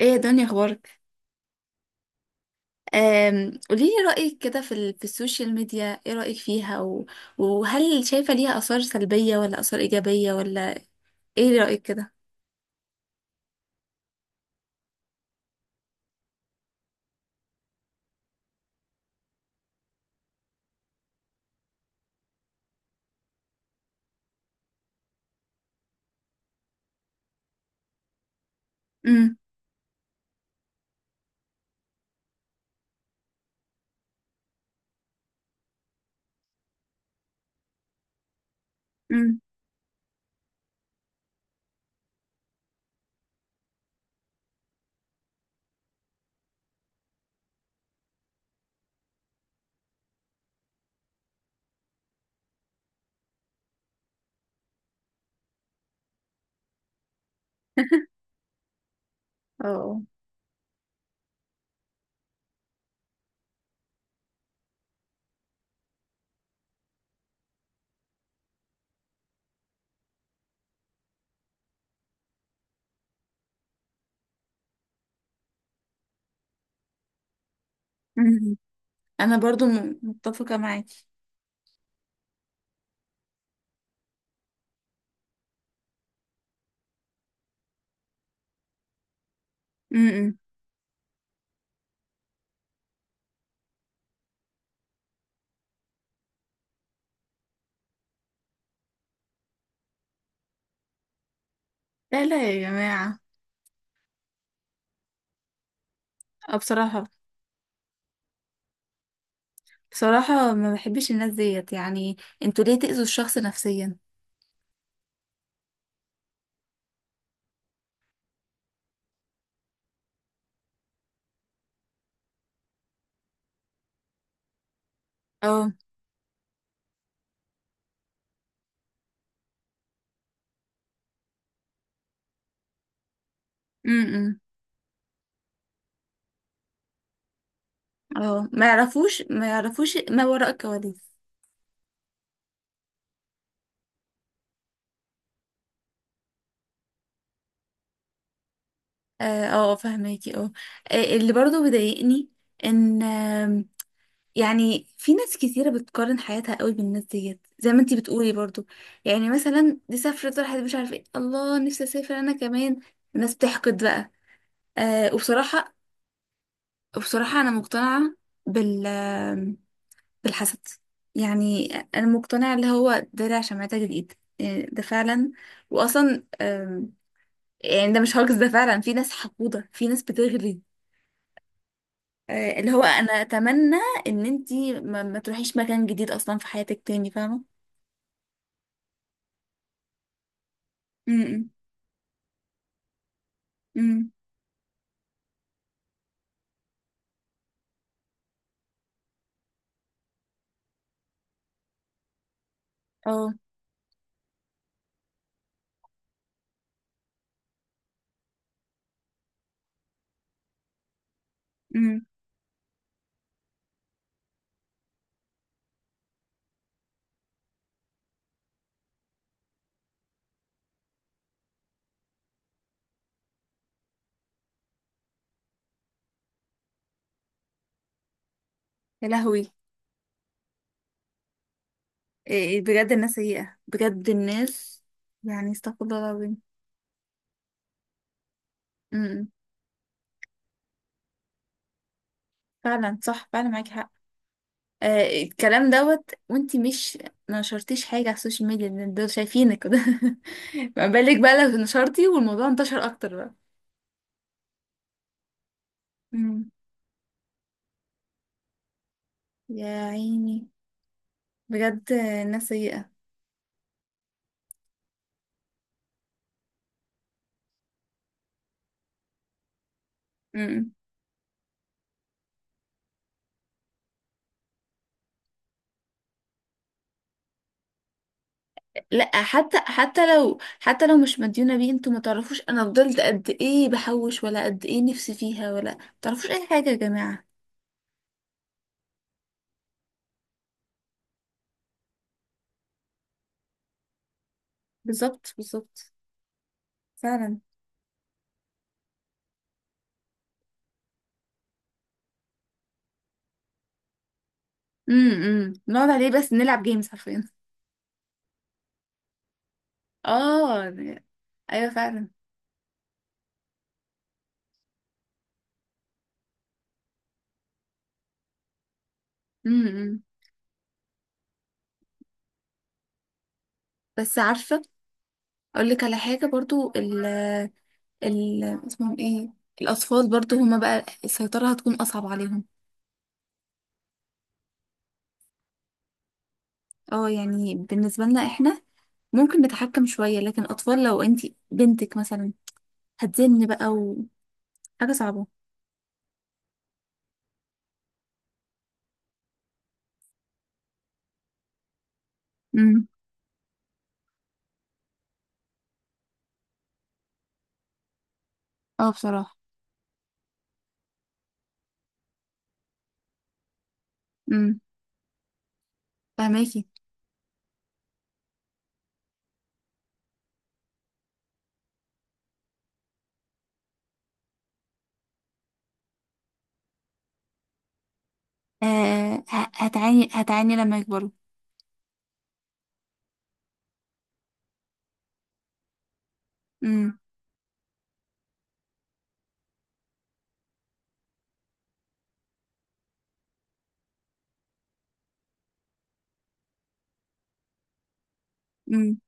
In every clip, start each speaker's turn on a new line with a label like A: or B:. A: ايه يا دنيا اخبارك؟ قوليلي رأيك كده في السوشيال ميديا. ايه رأيك فيها؟ و- وهل شايفة ليها آثار سلبية ولا آثار إيجابية ولا ايه رأيك كده؟ امم. امم. اه. أمم. انا برضو متفقة معاكي. امم امم. لا لا يا جماعة، بصراحة، بصراحة ما بحبش الناس ديت يعني. انتوا ليه تأذوا الشخص نفسيا؟ اه. امم. امم. اه، ما يعرفوش، ما يعرفوش ما وراء الكواليس. اه. فهماكي. اه. اللي برضو بيضايقني ان يعني في ناس كتيرة بتقارن حياتها قوي بالناس ديت زي ما انتي بتقولي برضو. يعني مثلا دي سافرت، راحت، مش عارفة ايه، الله نفسي اسافر انا كمان. الناس بتحقد بقى. أه، وبصراحة انا مقتنعة بال بالحسد. يعني انا مقتنعة اللي هو درع شمعتك الايد. ده فعلا. واصلا يعني ده مش هاجس، ده فعلا في ناس حقودة، في ناس بتغري. اللي هو انا اتمنى ان انتي ما تروحيش مكان جديد اصلا في حياتك تاني، فاهمه؟ امم. امم. اه. امم. يا لهوي، إيه، بجد الناس سيئه، بجد الناس، يعني استغفر الله العظيم. امم. فعلا صح، فعلا معاكي حق. الكلام دوت، وانتي مش نشرتيش حاجه على السوشيال ميديا، إن دول شايفينك كده. ما بالك بقى لو نشرتي والموضوع انتشر اكتر بقى؟ امم. يا عيني، بجد الناس سيئه. لا، حتى حتى لو، حتى لو مش مديونة بيه، انتوا ما تعرفوش انا فضلت قد ايه بحوش، ولا قد ايه نفسي فيها، ولا ما تعرفوش اي حاجة يا جماعة. بالظبط، بالظبط. فعلا. امم، نقعد عليه بس نلعب جيمز حرفيا. اه، ايوه فعلا. امم. بس عارفة، اقول لك على حاجة برضو، ال اسمهم ايه، الاطفال برضو هما بقى السيطرة هتكون اصعب عليهم. اه، يعني بالنسبة لنا احنا ممكن نتحكم شوية، لكن اطفال لو انتي بنتك مثلا هتزن بقى، وحاجة صعبة. امم. اه، بصراحة. امم. فهماكي. آه، هتعاني، هتعاني لما يكبروا. امم. امم.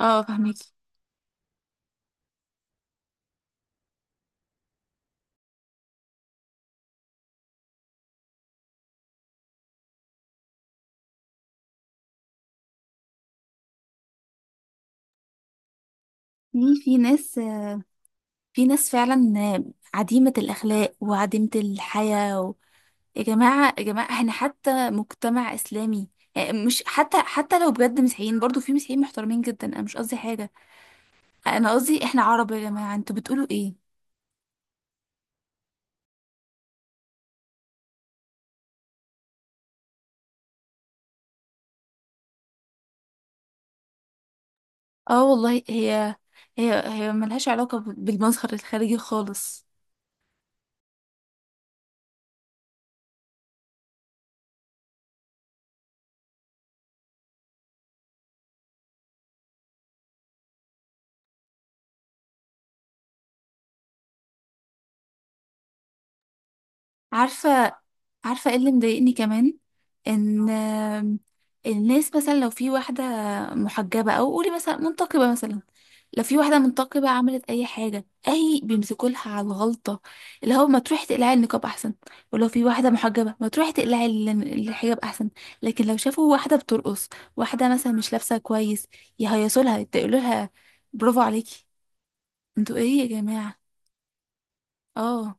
A: اه، فهماكي. في، في ناس في ناس فعلا عديمة الأخلاق وعديمة الحياة و يا جماعة، يا جماعة، احنا حتى مجتمع إسلامي. مش حتى، حتى لو بجد مسيحيين، برضو في مسيحيين محترمين جدا، انا مش قصدي حاجة. انا قصدي احنا عرب يا جماعة، انتوا بتقولوا ايه؟ اه والله، هي ملهاش علاقة بالمظهر الخارجي خالص. عارفة، عارفة ايه اللي مضايقني كمان؟ ان الناس مثلا لو في واحدة محجبة او قولي مثلا منتقبة مثلا، لو في واحدة منتقبة عملت اي حاجة، اي بيمسكوا لها على الغلطة، اللي هو ما تروحي تقلعي النقاب احسن. ولو في واحدة محجبة، ما تروحي تقلعي الحجاب احسن. لكن لو شافوا واحدة بترقص، واحدة مثلا مش لابسة كويس، يهيصوا لها، يقولوا لها برافو عليكي. انتوا ايه يا جماعة؟ اه،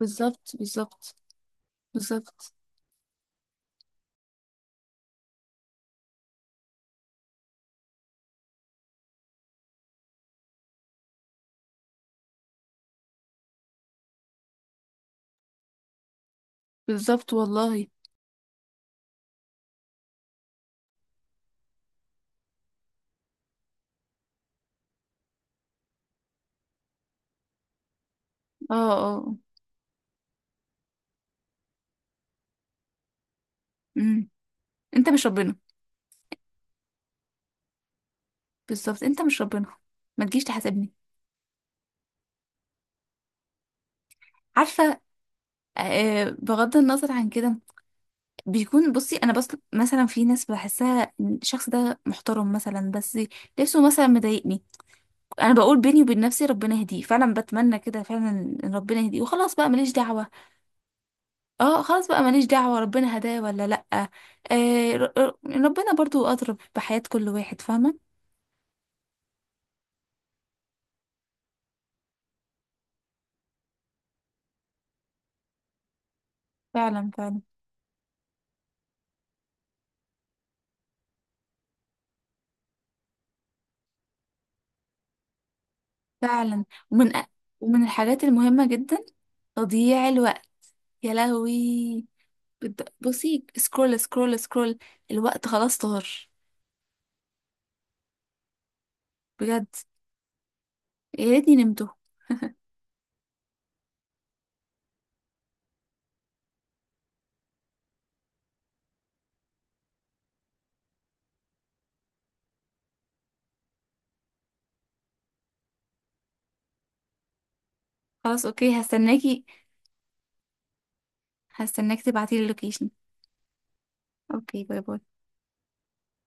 A: بالظبط، بالظبط. بالظبط. بالظبط والله. اه. اه. امم. انت مش ربنا، بالظبط. انت مش ربنا، ما تجيش تحاسبني. عارفه. آه، بغض النظر عن كده، بيكون بصي انا بس مثلا في ناس بحسها إن الشخص ده محترم مثلا، بس لبسه مثلا مضايقني. انا بقول بيني وبين نفسي ربنا يهديه فعلا، بتمنى كده فعلا، ان ربنا يهديه، وخلاص بقى ماليش دعوه. اه، خلاص بقى ماليش دعوه، ربنا هداه ولا لا، آه، ربنا برضو اضرب بحياه كل واحد، فاهمه؟ فعلا، فعلا، فعلا. ومن أ- ومن الحاجات المهمة جدا تضييع الوقت. يا لهوي. بصي، سكرول سكرول سكرول، الوقت خلاص طار. بجد، يا ريتني نمته. خلاص اوكي، هستناكي. هستناك تبعتيلي اللوكيشن. اوكي، باي باي.